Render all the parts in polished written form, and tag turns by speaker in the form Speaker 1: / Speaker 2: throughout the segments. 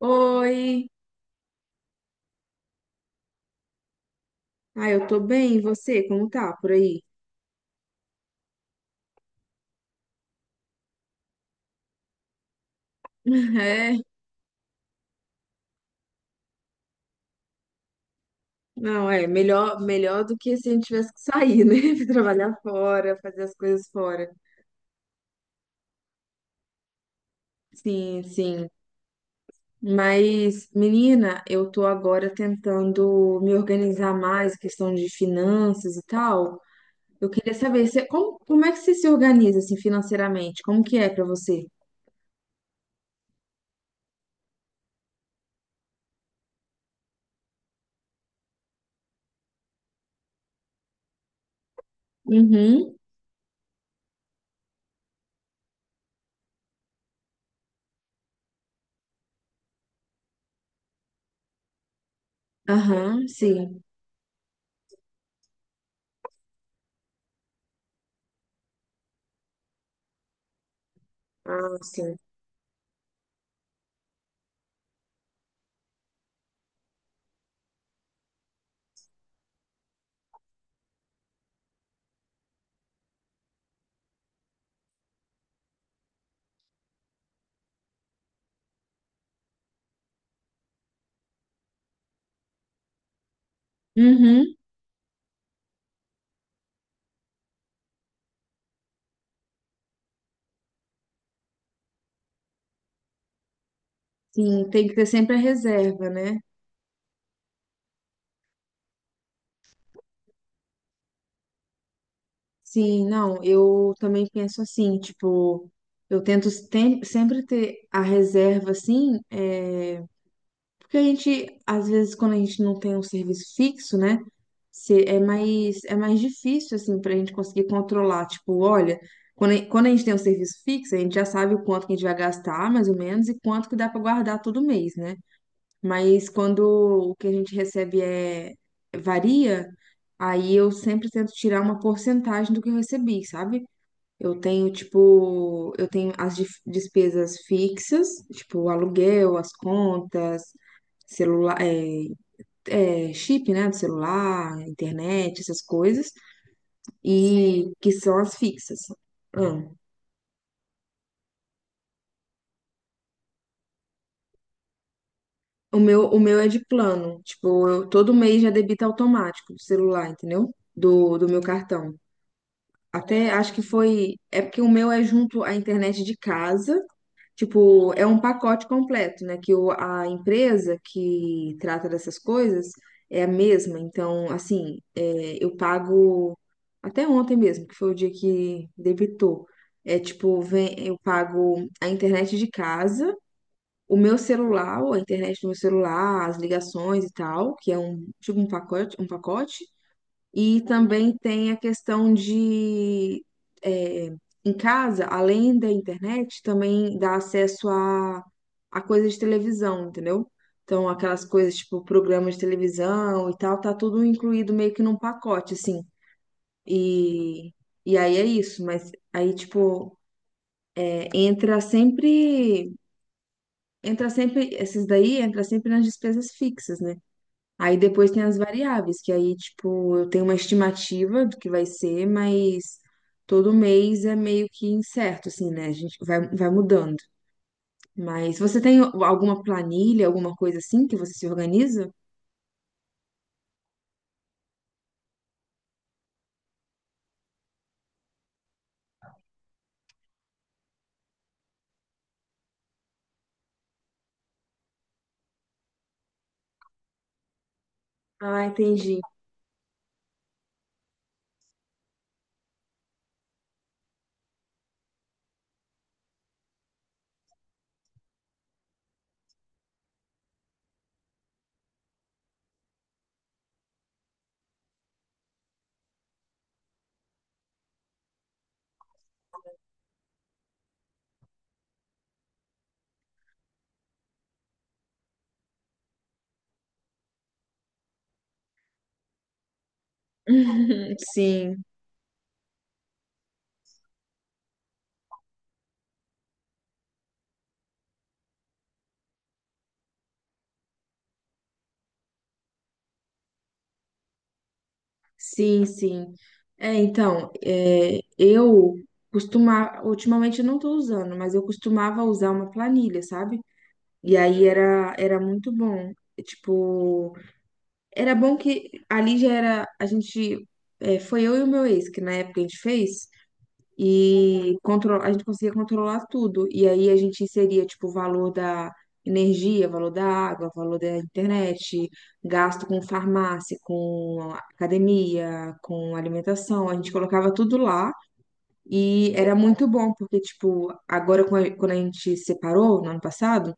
Speaker 1: Oi. Ah, eu tô bem. E você, como tá por aí? É, não, é melhor, melhor do que se a gente tivesse que sair, né? Trabalhar fora, fazer as coisas fora. Sim, sim. Mas, menina, eu tô agora tentando me organizar mais, questão de finanças e tal. Eu queria saber, você, como é que você se organiza, assim, financeiramente? Como que é pra você? Uhum, aham, sim. Ah, sim. Uhum, sim, tem que ter sempre a reserva, né? Sim, não, eu também penso assim, tipo, eu tento sempre ter a reserva, assim, porque a gente, às vezes, quando a gente não tem um serviço fixo, né, é mais difícil, assim, pra gente conseguir controlar, tipo, olha, quando a gente tem um serviço fixo, a gente já sabe o quanto que a gente vai gastar, mais ou menos, e quanto que dá pra guardar todo mês, né, mas quando o que a gente recebe varia, aí eu sempre tento tirar uma porcentagem do que eu recebi, sabe? Eu tenho, tipo, eu tenho as despesas fixas, tipo, o aluguel, as contas, celular, chip, né, do celular, internet, essas coisas, e que são as fixas. Ah, o meu é de plano, tipo, eu, todo mês já debita automático do celular, entendeu? Do meu cartão. Até acho que foi, é porque o meu é junto à internet de casa. Tipo, é um pacote completo, né? Que a empresa que trata dessas coisas é a mesma. Então, assim, é, eu pago até ontem mesmo, que foi o dia que debitou. É tipo, vem, eu pago a internet de casa, o meu celular, a internet do meu celular, as ligações e tal, que é um tipo um pacote, um pacote. E também tem a questão de, é, em casa, além da internet, também dá acesso a coisas de televisão, entendeu? Então, aquelas coisas tipo programas de televisão e tal, tá tudo incluído meio que num pacote, assim. E, e aí é isso, mas aí, tipo, é, entra sempre, entra sempre, esses daí entra sempre nas despesas fixas, né? Aí depois tem as variáveis, que aí, tipo, eu tenho uma estimativa do que vai ser, mas todo mês é meio que incerto, assim, né? A gente vai, vai mudando. Mas você tem alguma planilha, alguma coisa assim que você se organiza? Ah, entendi. Sim, sim, sim. É, então, eu costumava, ultimamente eu não tô usando, mas eu costumava usar uma planilha, sabe? E aí era, era muito bom. Tipo, era bom que ali já era. A gente. É, foi eu e o meu ex, que na época a gente fez, e a gente conseguia controlar tudo. E aí a gente inseria, tipo, o valor da energia, valor da água, valor da internet, gasto com farmácia, com academia, com alimentação. A gente colocava tudo lá. E era muito bom, porque, tipo, agora quando a gente separou no ano passado.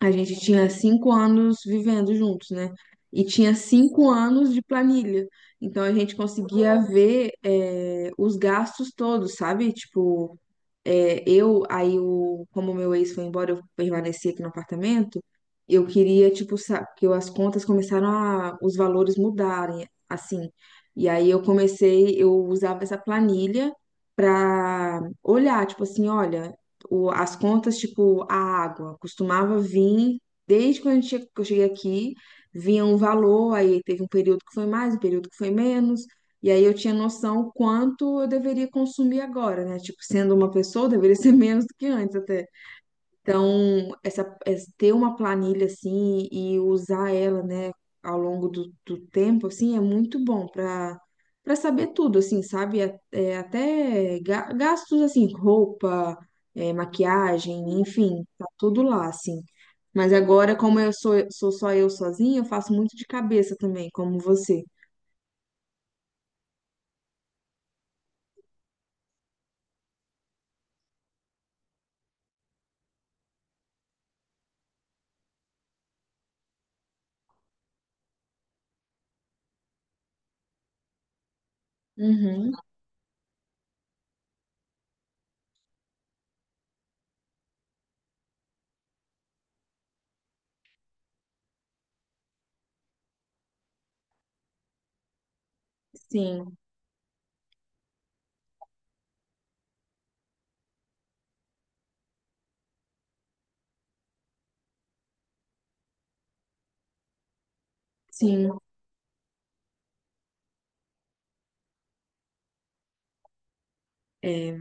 Speaker 1: A gente tinha 5 anos vivendo juntos, né? E tinha 5 anos de planilha. Então a gente conseguia ver, é, os gastos todos, sabe? Tipo, é, como meu ex foi embora, eu permaneci aqui no apartamento. Eu queria, tipo, as contas começaram a, os valores mudarem, assim. E aí eu comecei, eu usava essa planilha para olhar, tipo assim, olha, as contas, tipo, a água costumava vir, desde quando que eu cheguei aqui, vinha um valor, aí teve um período que foi mais, um período que foi menos. E aí eu tinha noção quanto eu deveria consumir agora, né? Tipo, sendo uma pessoa, eu deveria ser menos do que antes até. Então, ter uma planilha assim e usar ela, né, ao longo do tempo, assim, é muito bom para para saber tudo, assim, sabe? Até gastos, assim, roupa, é, maquiagem, enfim, tá tudo lá, assim. Mas agora, como eu sou, sou só eu sozinha, eu faço muito de cabeça também, como você. Uhum, sim, sim. É,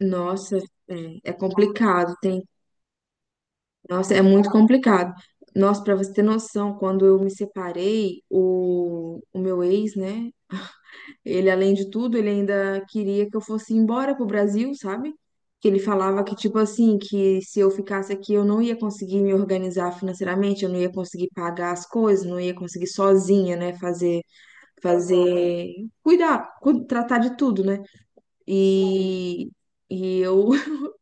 Speaker 1: nossa, é, é complicado, tem. Nossa, é muito complicado. Nossa, para você ter noção, quando eu me separei, o meu ex, né? Ele, além de tudo, ele ainda queria que eu fosse embora pro Brasil, sabe? Que ele falava que, tipo assim, que se eu ficasse aqui, eu não ia conseguir me organizar financeiramente, eu não ia conseguir pagar as coisas, não ia conseguir sozinha, né? Fazer, fazer, cuidar, tratar de tudo, né? E, e eu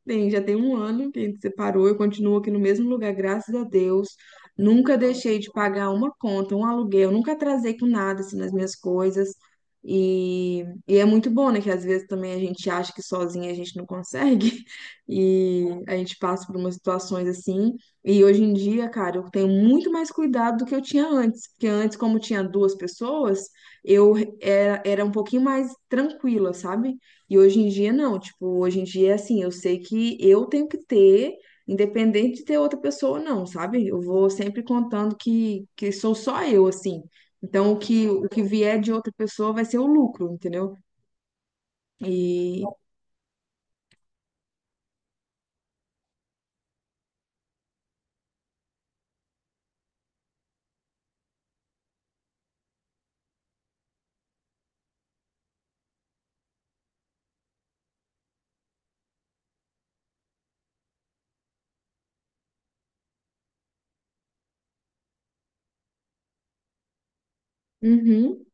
Speaker 1: bem, já tem 1 ano que a gente separou, eu continuo aqui no mesmo lugar, graças a Deus. Nunca deixei de pagar uma conta, um aluguel, nunca atrasei com nada assim, nas minhas coisas. E é muito bom, né? Que às vezes também a gente acha que sozinha a gente não consegue, e a gente passa por umas situações assim. E hoje em dia, cara, eu tenho muito mais cuidado do que eu tinha antes, porque antes, como tinha duas pessoas, eu era um pouquinho mais tranquila, sabe? E hoje em dia não, tipo, hoje em dia é assim, eu sei que eu tenho que ter, independente de ter outra pessoa ou não, sabe? Eu vou sempre contando que sou só eu, assim. Então, o que vier de outra pessoa vai ser o lucro, entendeu? E. Uhum,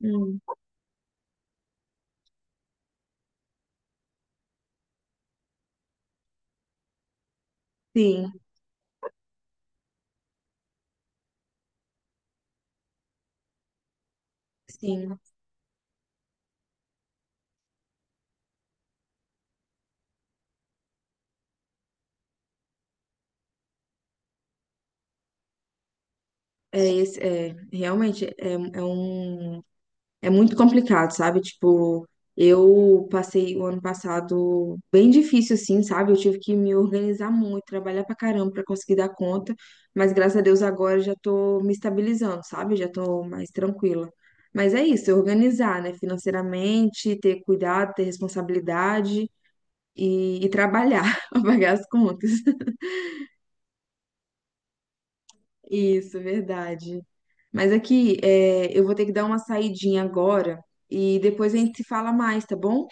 Speaker 1: hum, sim, sim. Realmente é um. É muito complicado, sabe? Tipo, eu passei o ano passado bem difícil, assim, sabe? Eu tive que me organizar muito, trabalhar pra caramba pra conseguir dar conta, mas graças a Deus agora eu já tô me estabilizando, sabe? Já tô mais tranquila. Mas é isso, organizar, né? Financeiramente, ter cuidado, ter responsabilidade e trabalhar pra pagar as contas. Isso, verdade. Mas aqui, é, eu vou ter que dar uma saidinha agora e depois a gente se fala mais, tá bom?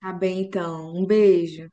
Speaker 1: Tá bem, então. Um beijo.